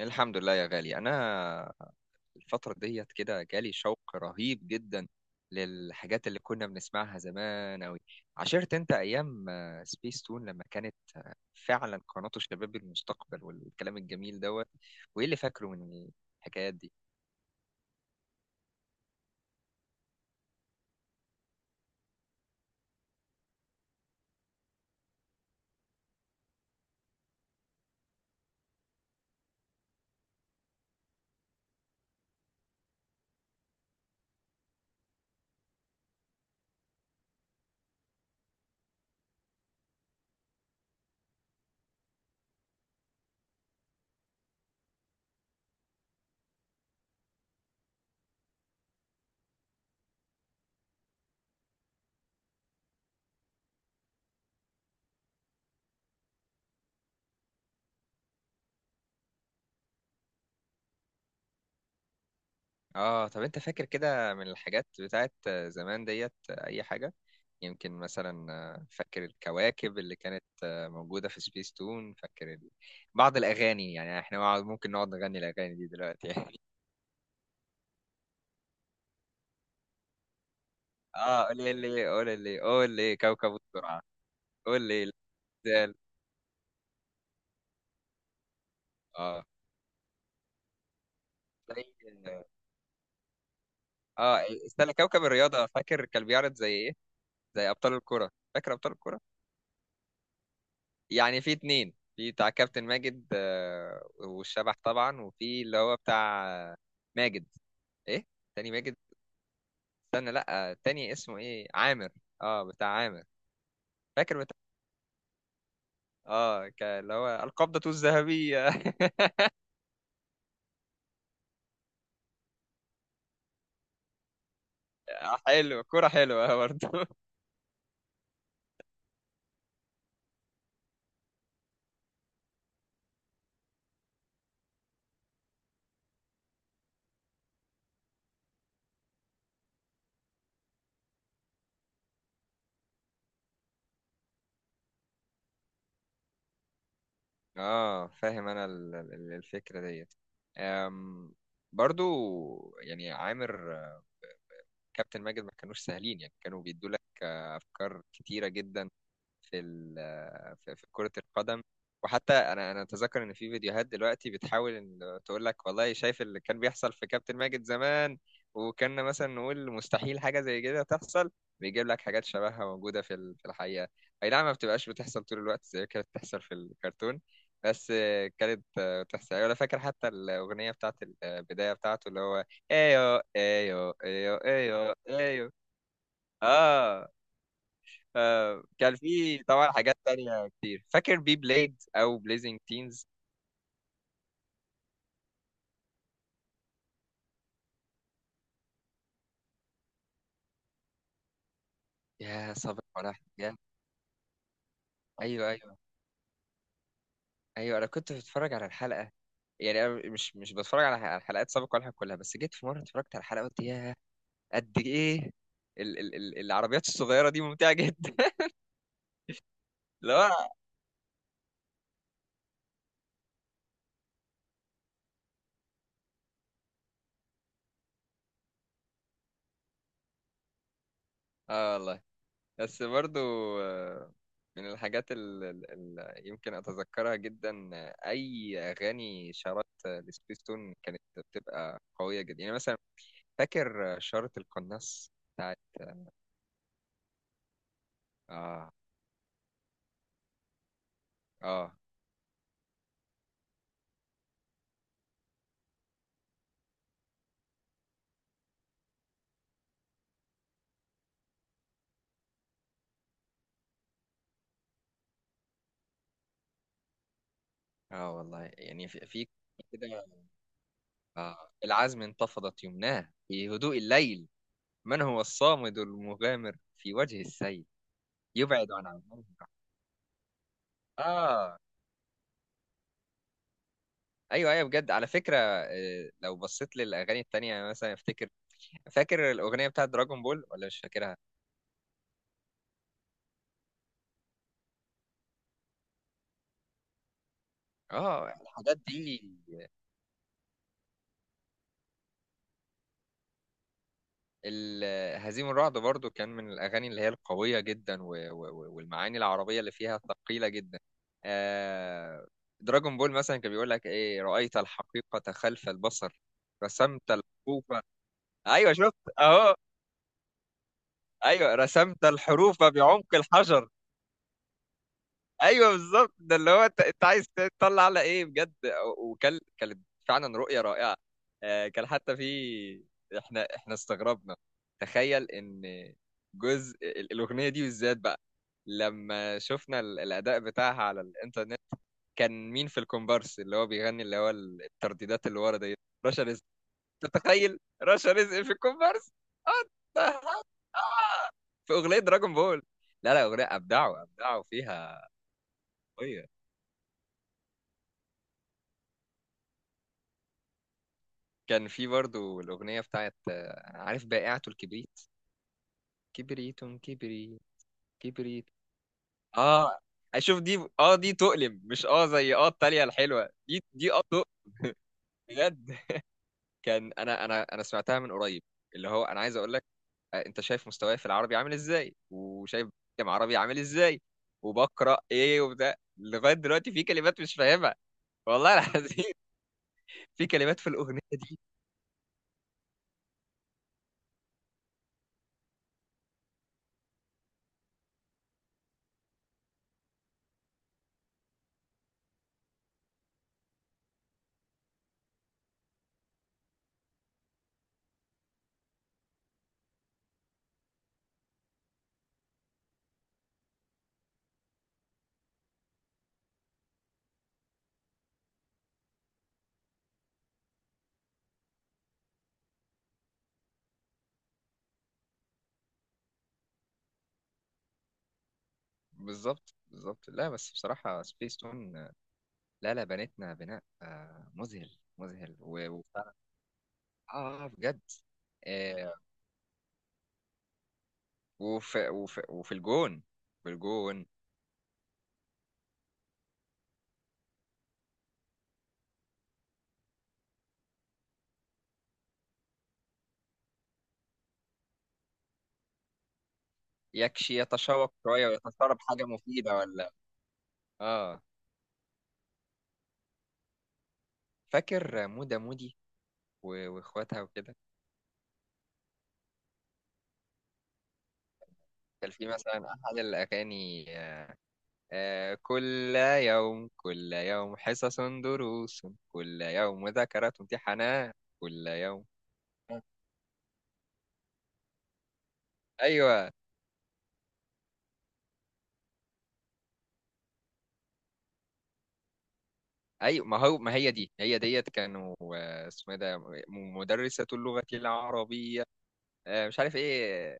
الحمد لله يا غالي. الفتره ديت كده جالي شوق رهيب جدا للحاجات اللي كنا بنسمعها زمان اوي. عشرت انت ايام سبيس تون لما كانت فعلا قناه شباب المستقبل والكلام الجميل دوت. وايه اللي فاكره من الحكايات دي؟ اه، طب انت فاكر كده من الحاجات بتاعت زمان ديت اي حاجه؟ يمكن مثلا، فاكر الكواكب اللي كانت موجودة في سبيس تون؟ فاكر بعض الأغاني؟ يعني احنا ممكن نقعد نغني الأغاني دي دلوقتي يعني. اه، قولي لي قولي لي قولي لي كوكب السرعة. قولي الزلزال. اه، زي- اه، استنى، كوكب الرياضة، فاكر كان بيعرض زي ايه؟ زي أبطال الكرة، فاكر أبطال الكرة؟ يعني في اتنين، في بتاع كابتن ماجد آه، والشبح طبعا، وفي اللي هو بتاع آه، ماجد. ايه؟ تاني ماجد. استنى، لا، التاني اسمه ايه، عامر. اه، بتاع عامر. فاكر بتاع، اه، اللي هو القبضة الذهبية. حلوة، كرة حلوة، برضو. اه، فاهم انا الفكرة ديت. أم. برضو يعني عامر آه، كابتن ماجد، ما كانوش سهلين، يعني كانوا بيدوا لك آه، افكار كتيرة جدا في في كرة القدم. وحتى انا اتذكر ان في فيديوهات دلوقتي بتحاول ان تقول لك والله شايف اللي كان بيحصل في كابتن ماجد زمان، وكنا مثلا نقول مستحيل حاجة زي كده تحصل. بيجيب لك حاجات شبهها موجودة في في الحقيقة. اي نعم، ما بتبقاش بتحصل طول الوقت زي كانت بتحصل في الكرتون، بس كانت بتحصل. ولا فاكر حتى الأغنية بتاعت البداية بتاعته، اللي هو ايو ايو ايو ايو ايو؟ اه. آه، كان في طبعا حاجات تانية كتير. فاكر بي بليد او بليزنج تينز؟ يا صابر ولا حاجة؟ ايوه، ايوه. ايوه، انا كنت بتفرج على الحلقة. يعني انا مش بتفرج على الحلقات سابق ولا حاجة كلها، بس جيت في مرة اتفرجت على الحلقة، قلت يا قد ايه ال العربيات الصغيرة دي ممتعة جدا. لا. اه والله. بس برضو آه، من الحاجات اللي يمكن اتذكرها جدا آه، اي اغاني شارات آه، لسبيستون، كانت بتبقى قوية جدا. يعني مثلا فاكر شارة القناص بتاعت؟ اه. اه. اه والله، يعني في, في كده، آه العزم انتفضت يمناه في هدوء الليل، من هو الصامد المغامر في وجه السيل، يبعد عن عمان. اه، ايوه ايوه. بجد على فكرة، آه، لو بصيت للاغاني التانية مثلا افتكر، فاكر الاغنية بتاعت دراجون بول ولا مش فاكرها؟ اه، الحاجات دي. هزيم الرعد برضو كان من الأغاني اللي هي القوية جدا والمعاني العربية اللي فيها ثقيلة جدا. آه، دراجون بول مثلا كان بيقول لك إيه، رأيت الحقيقة خلف البصر، رسمت الحروف. أيوه شفت، أهو. أيوه، رسمت الحروف بعمق الحجر. ايوه بالظبط، ده اللي هو انت، انت عايز تطلع على ايه بجد. وكان، كانت فعلا رؤيه رائعه. آه، كان حتى في، احنا استغربنا. تخيل ان جزء الاغنيه دي بالذات بقى، لما شفنا الاداء بتاعها على الانترنت، كان مين في الكومبارس اللي هو بيغني، اللي هو الترديدات اللي ورا دي؟ رشا رزق. تتخيل رشا رزق في الكومبارس؟ آه، ده في اغنيه دراجون بول. لا لا، اغنيه ابدعوا، ابدعوا فيها. كان في برضو الأغنية بتاعت أنا عارف، بائعة الكبريت. كبريت، كبريت. كبريت. آه، أشوف دي، آه دي تؤلم، مش آه زي آه التالية الحلوة دي، دي آه تؤلم بجد. كان أنا سمعتها من قريب، اللي هو أنا عايز أقول لك، آه، أنت شايف مستواي في العربي عامل إزاي، وشايف كم عربي عامل إزاي، وبقرأ إيه وبتاع، لغاية دلوقتي في كلمات مش فاهمها، والله العظيم. في كلمات في الأغنية دي. بالظبط، بالظبط. لا بس بصراحة سبيس تون، لا لا، بنتنا بناء آه، مذهل. مذهل اه. آه، بجد. آه، وفي وفي الجون. في الجون. يكشي يتشوق شوية ويتشرب حاجة مفيدة ولا. اه، فاكر مودة مودي واخواتها وكده؟ كان في مثلا احد الاغاني آه، آه، كل يوم، كل يوم حصص دروس، كل يوم مذاكرات امتحانات، كل يوم. ايوه، ايوه. ما هو ما هي دي، هي ديت، كانوا آه، اسمه ايه ده، مدرسة اللغة العربية. آه، مش عارف ايه.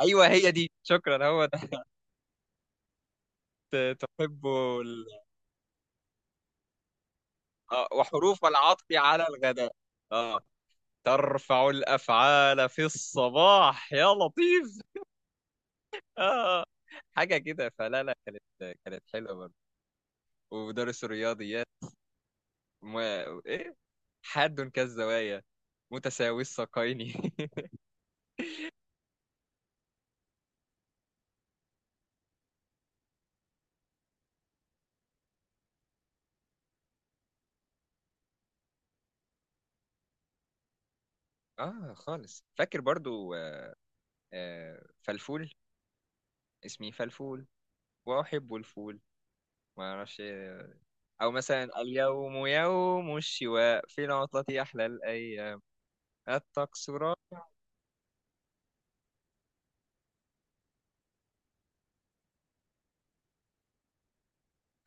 ايوه، هي دي، شكرا، هو ده. تحب ال... آه، وحروف العطف على الغداء. اه، ترفع الافعال في الصباح يا لطيف. اه، حاجة كده. فلا لا، كانت كانت حلوة برضه. ومدرس الرياضيات، م... ايه، حاد كالزوايا، متساوي الساقين. اه خالص. فاكر برضو آه، فلفول، اسمي فلفول وأحب الفول، ما أعرفش إيه. أو مثلا اليوم يوم الشواء في العطلة أحلى الأيام، التقصيرات.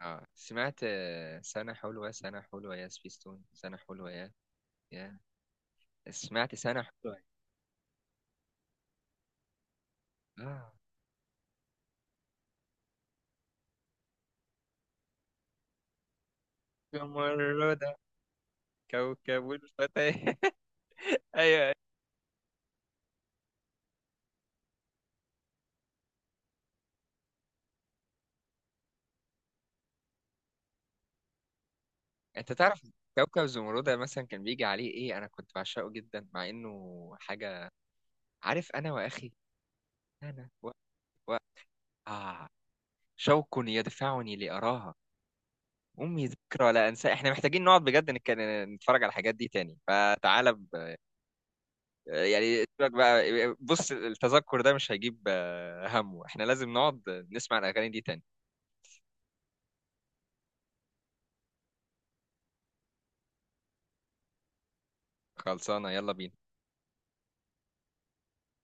آه، سمعت آه، سنة حلوة، سنة حلوة يا سبيستون، سنة حلوة يا، يا. سمعت سنة حلوة. آه زمردة. كوكب الفتى. أيوه انت تعرف كوكب زمردة مثلا كان بيجي عليه ايه، انا كنت بعشقه جدا، مع انه حاجة، عارف، انا واخي، انا و... و... آه، شوق يدفعني لأراها، أمي ذكرى لا أنسى. إحنا محتاجين نقعد بجد، نتفرج على الحاجات دي تاني. يعني سيبك بقى، بص، التذكر ده مش هيجيب آه، همه إحنا لازم نقعد نسمع الأغاني دي تاني. خلصانة، يلا بينا.